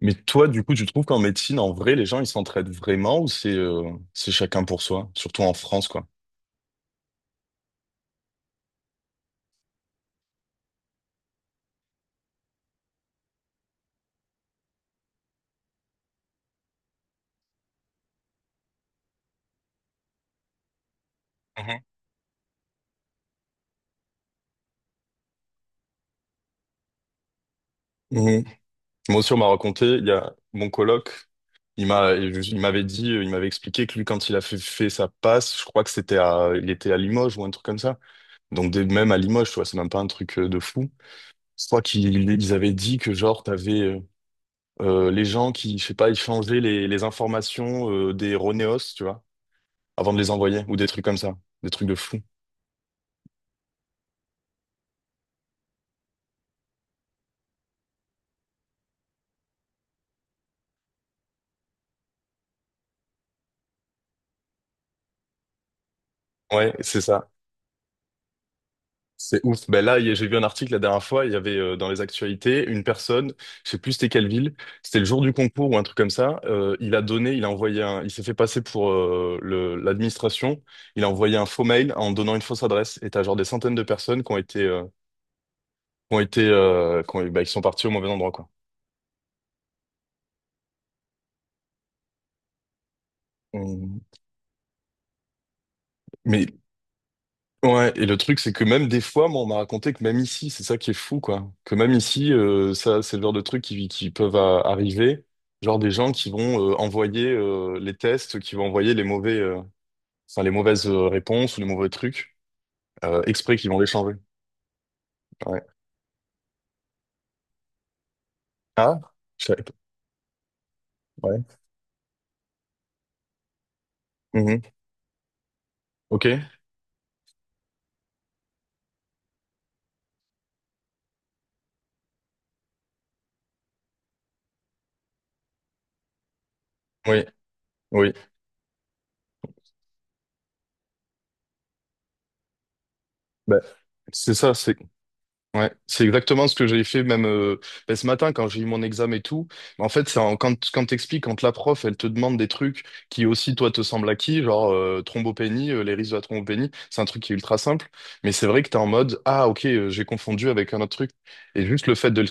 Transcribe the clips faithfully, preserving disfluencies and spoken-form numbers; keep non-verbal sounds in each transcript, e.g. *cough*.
Mais toi, du coup, tu trouves qu'en médecine, en vrai, les gens, ils s'entraident vraiment ou c'est euh, c'est chacun pour soi, surtout en France, quoi. Mhm. Moi aussi, on m'a raconté, il y a mon coloc, il m'a, il m'avait dit, euh, il m'avait expliqué que lui, quand il a fait, fait sa passe, je crois que c'était à, il était à Limoges ou un truc comme ça. Donc, des- même à Limoges, tu vois, c'est même pas un truc euh, de fou. Je crois qu'ils ils avaient dit que, genre, t'avais euh, euh, les gens qui, je sais pas, ils changeaient les, les informations euh, des Roneos, tu vois, avant de les envoyer ou des trucs comme ça, des trucs de fou. Ouais, c'est ça. C'est ouf. Ben là, il y a- j'ai vu un article la dernière fois, il y avait euh, dans les actualités une personne, je sais plus c'était quelle ville, c'était le jour du concours ou un truc comme ça, euh, il a donné, il a envoyé un, il s'est fait passer pour euh, le, l'administration, il a envoyé un faux mail en donnant une fausse adresse et t'as genre des centaines de personnes qui ont été euh, qui ont été euh, qui ont- bah, qui sont parties au mauvais endroit, quoi. On- Mais ouais, et le truc, c'est que même des fois, moi, on m'a raconté que même ici, c'est ça qui est fou, quoi. Que même ici, euh, ça, c'est le genre de trucs qui, qui peuvent euh, arriver. Genre des gens qui vont euh, envoyer euh, les tests, qui vont envoyer les mauvais, euh, enfin, les mauvaises euh, réponses ou les mauvais trucs, euh, exprès qu'ils vont les changer. Ouais. Ah, je savais pas. Ouais. Mhm. Ok. Oui. Oui. Bah, c'est ça, c'est. Ouais, c'est exactement ce que j'ai fait même euh, ben, ce matin quand j'ai eu mon examen et tout. En fait, c'est en- quand quand t'expliques, quand la prof elle te demande des trucs qui aussi toi te semblent acquis, genre euh, thrombopénie, euh, les risques de la thrombopénie, c'est un truc qui est ultra simple, mais c'est vrai que t'es en mode ah ok euh, j'ai confondu avec un autre truc et juste le fait de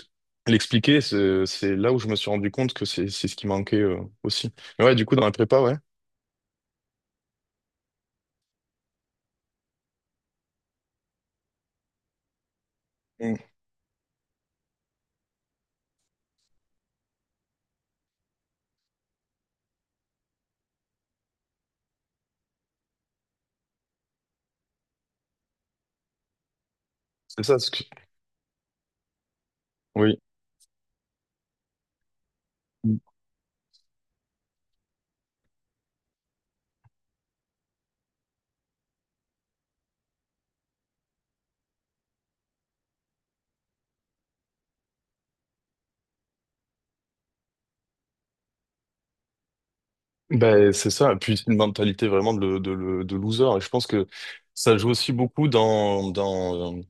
l'expliquer, c'est c'est là où je me suis rendu compte que c'est c'est ce qui manquait euh, aussi. Mais ouais, du coup dans la prépa, ouais. Mm. c'est ça ce que oui. Ben, c'est ça, et puis une mentalité vraiment de, le- de, le- de loser. Et je pense que ça joue aussi beaucoup dans, dans,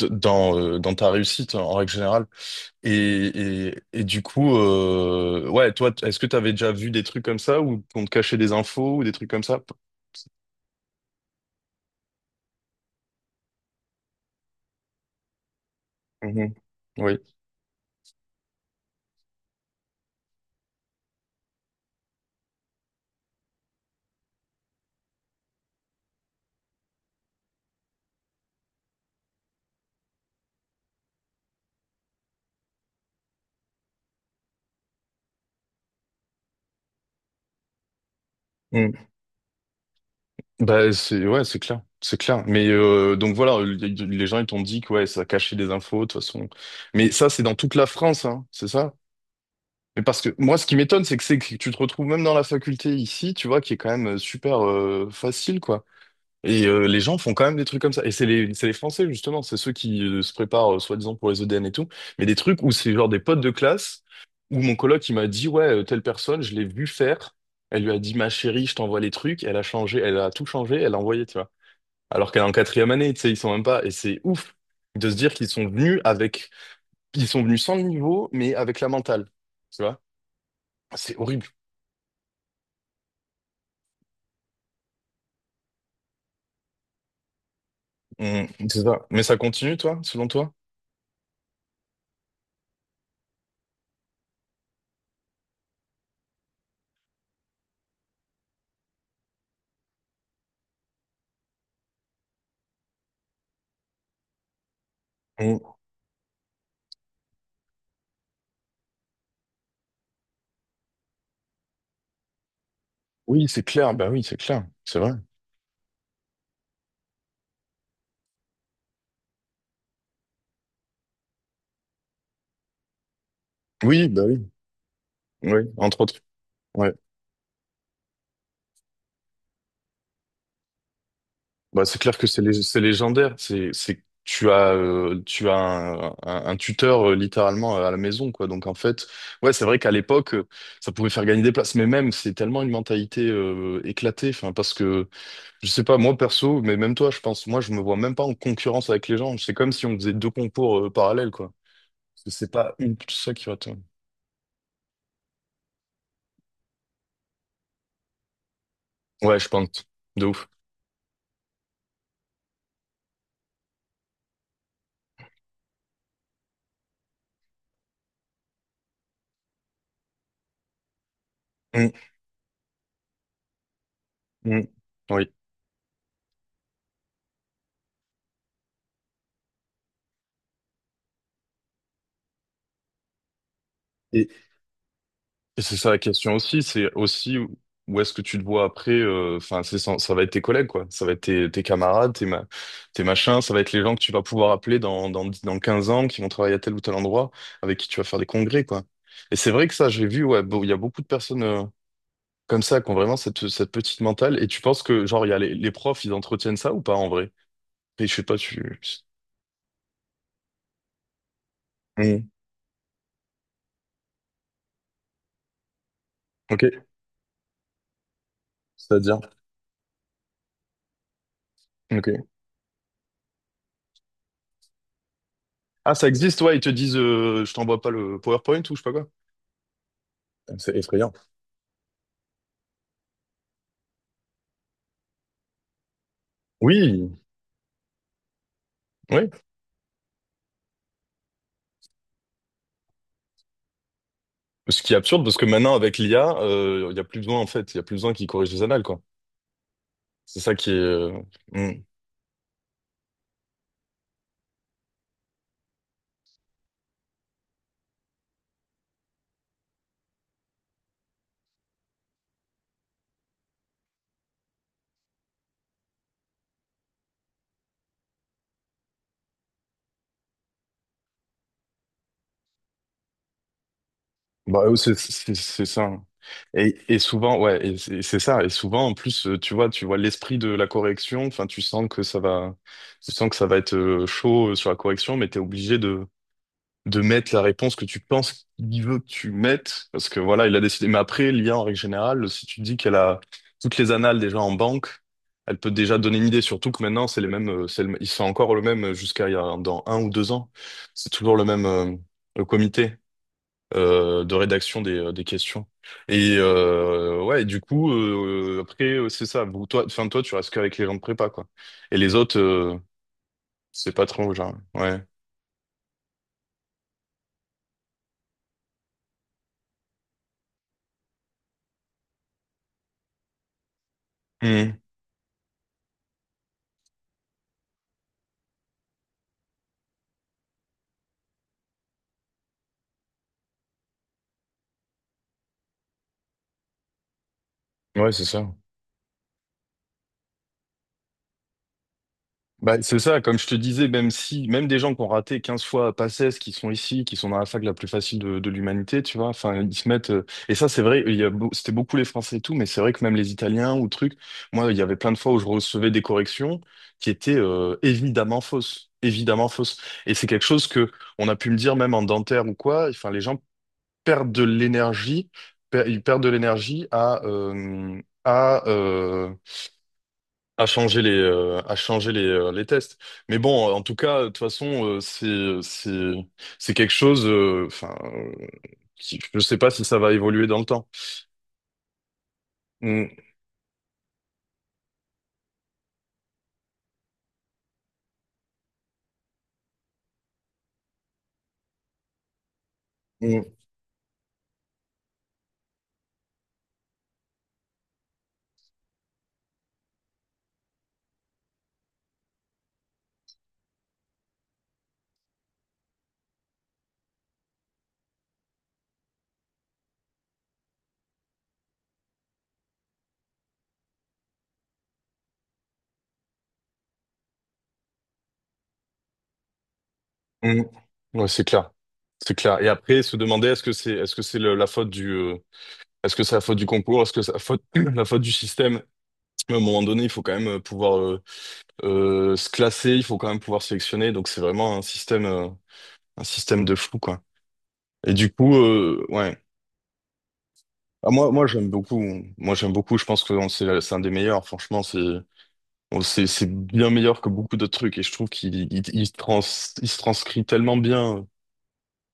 dans, euh, dans ta réussite en règle générale. Et, et, et du coup, euh, ouais, toi, t- est-ce que tu avais déjà vu des trucs comme ça ou qu'on te cachait des infos ou des trucs comme ça? Mhm. Oui. Mm. Bah, c'est ouais, c'est clair, c'est clair. Mais euh, donc voilà, euh, les les gens ils t'ont dit que ouais, ça cachait des infos de toute façon. Mais ça c'est dans toute la France, hein, c'est ça? Mais parce que moi, ce qui m'étonne, c'est que c'est que tu te retrouves même dans la faculté ici, tu vois, qui est quand même euh, super euh, facile, quoi. Et euh, les gens font quand même des trucs comme ça. Et c'est les, c'est les Français, justement, c'est ceux qui euh, se préparent, euh, soi-disant, pour les E D N et tout. Mais des trucs où c'est genre des potes de classe, où mon coloc, il m'a dit, ouais, euh, telle personne, je l'ai vu faire. Elle lui a dit, ma chérie, je t'envoie les trucs. Elle a changé, elle a tout changé, elle a envoyé, tu vois. Alors qu'elle est en quatrième année, tu sais, ils sont même pas. Et c'est ouf de se dire qu'ils sont venus avec, ils sont venus sans le niveau, mais avec la mentale, tu vois. C'est horrible. Mm, c'est ça. Mais ça continue, toi, selon toi? Mm. Oui, c'est clair. Bah oui, c'est clair. C'est vrai. Oui, bah oui. Oui, entre autres. Ouais. Bah, c'est clair que c'est lég- c'est légendaire. C'est, c'est, tu as, euh, tu as un, un- un tuteur euh, littéralement euh, à la maison, quoi. Donc en fait, ouais, c'est vrai qu'à l'époque, euh, ça pouvait faire gagner des places. Mais même, c'est tellement une mentalité euh, éclatée. Enfin, parce que je sais pas, moi perso, mais même toi, je pense, moi, je me vois même pas en concurrence avec les gens. C'est comme si on faisait deux concours euh, parallèles, quoi. Parce que c'est pas une ça qui va te. Ouais, je pense. De ouf. Mm, mm. Oui. Et c'est ça la question aussi, c'est aussi où où est-ce que tu te vois après, euh, enfin, c'est ça, ça va être tes collègues, quoi. Ça va être tes, tes camarades, tes, ma- tes machins, ça va être les gens que tu vas pouvoir appeler dans, dans, dix- dans quinze ans, qui vont travailler à tel ou tel endroit, avec qui tu vas faire des congrès, quoi. Et c'est vrai que ça, j'ai vu, ouais, bon, il y a beaucoup de personnes euh, comme ça qui ont vraiment cette, cette petite mentale. Et tu penses que, genre, il y a les, les profs, ils entretiennent ça ou pas en vrai? Et je sais pas, tu. Hmm. Ok, c'est-à-dire. Ok. Ah, ça existe, ouais, ils te disent, euh, je t'envoie pas le PowerPoint ou je sais pas quoi. C'est effrayant. Oui, oui. Ce qui est absurde parce que maintenant avec l'I A, euh, il y a plus besoin en fait, il y a plus besoin qu'ils corrigent les annales, quoi. C'est ça qui est. euh, mm. Bah euh, c'est c'est c'est ça. Et, et souvent ouais, et c'est c'est ça. Et souvent en plus, euh, tu vois, tu vois l'esprit de la correction. Enfin, tu sens que ça va, tu sens que ça va être euh, chaud euh, sur la correction, mais t'es obligé de de mettre la réponse que tu penses qu'il veut que tu mettes, parce que voilà, il a décidé. Mais après, l'I A, en règle générale, si tu dis qu'elle a toutes les annales déjà en banque, elle peut déjà donner une idée, surtout que maintenant, c'est les mêmes, euh, c'est le- ils sont encore le même euh, jusqu'à il y a, dans un ou deux ans. C'est toujours le même euh, le comité euh, de rédaction des, euh, des questions. Et euh, ouais, et du coup, euh, après, euh, c'est ça. Vous, toi, enfin, toi, tu restes qu'avec les gens de prépa, quoi. Et les autres, euh, c'est pas trop, genre. Ouais. Mhm. Ouais, c'est ça. Bah, c'est ça, comme je te disais, même si, même des gens qui ont raté quinze fois Paces, qui sont ici, qui sont dans la fac la plus facile de, de l'humanité, tu vois, enfin, ils se mettent, euh, et ça, c'est vrai, il y a, beau- c'était beaucoup les Français et tout, mais c'est vrai que même les Italiens ou trucs, moi, il y avait plein de fois où je recevais des corrections qui étaient, euh, évidemment fausses, évidemment fausses. Et c'est quelque chose que on a pu me dire même en dentaire ou quoi, enfin, les gens perdent de l'énergie, per- ils perdent de l'énergie à, euh, à, euh, à changer les euh, à changer les, euh, les tests. Mais bon, en tout cas, de toute façon, euh, c'est c'est c'est quelque chose. euh, Enfin, euh, qui- je sais pas si ça va évoluer dans le temps. Mm, mm, mm. Ouais, c'est clair, c'est clair. Et après, se demander est-ce que c'est est-ce que c'est le- la faute du euh, est-ce que c'est la faute du concours, est-ce que c'est la faute *clears throat* la faute du système. Mais à un moment donné, il faut quand même euh, pouvoir euh, euh, se classer, il faut quand même pouvoir sélectionner. Donc c'est vraiment un système euh, un système de fou, quoi. Et du coup, euh, ouais. Ah, moi, moi j'aime beaucoup. Moi, j'aime beaucoup. Je pense que on- c'est c'est un des meilleurs. Franchement, c'est on- c'est c'est bien meilleur que beaucoup d'autres trucs. Et je trouve qu'il il, il trans, il se transcrit tellement bien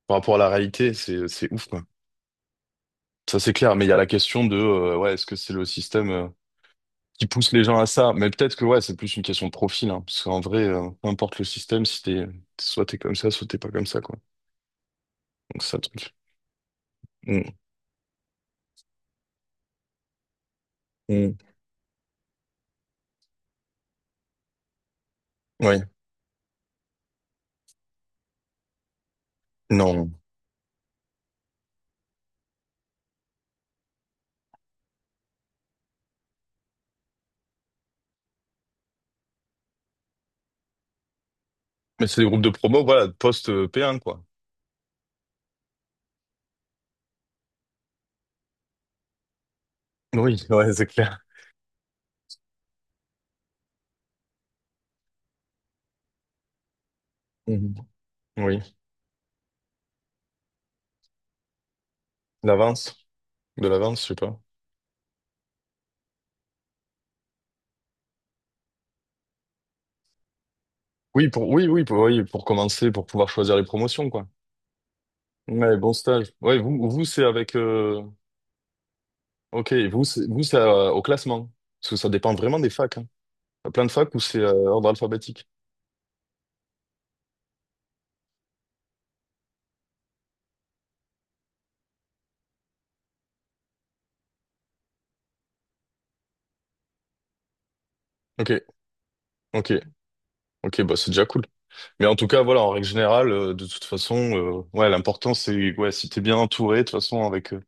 par rapport à la réalité. C'est c'est ouf, quoi. Ça, c'est clair. Mais il y a la question de euh, ouais, est-ce que c'est le système euh, qui pousse les gens à ça? Mais peut-être que ouais, c'est plus une question de profil, hein, parce qu'en vrai, euh, peu importe le système, si t'es soit t'es comme ça, soit t'es pas comme ça, quoi. Donc ça, truc. Mm, mm. Ouais. Non. Mais c'est des groupes de promo, voilà, post-P un, quoi. Oui, ouais, c'est clair. Oui, l'avance, de l'avance, je sais pas. Oui, pour, oui, oui, pour, oui, pour commencer, pour pouvoir choisir les promotions, quoi. Ouais, bon stage. Ouais, vous, vous, c'est avec, euh, ok, vous, c'est, vous, c'est euh, au classement. Parce que ça dépend vraiment des facs, hein. Il y a plein de facs où c'est euh, ordre alphabétique. Ok, ok, ok, bah, c'est déjà cool. Mais en tout cas, voilà, en règle générale, euh, de toute façon, euh, ouais, l'important, c'est, ouais, si t'es bien entouré, de toute façon, avec, euh,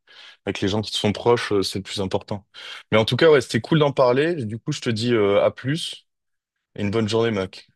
avec les gens qui te sont proches, euh, c'est le plus important. Mais en tout cas, ouais, c'était cool d'en parler. Du coup, je te dis, euh, à plus et une bonne journée, mec.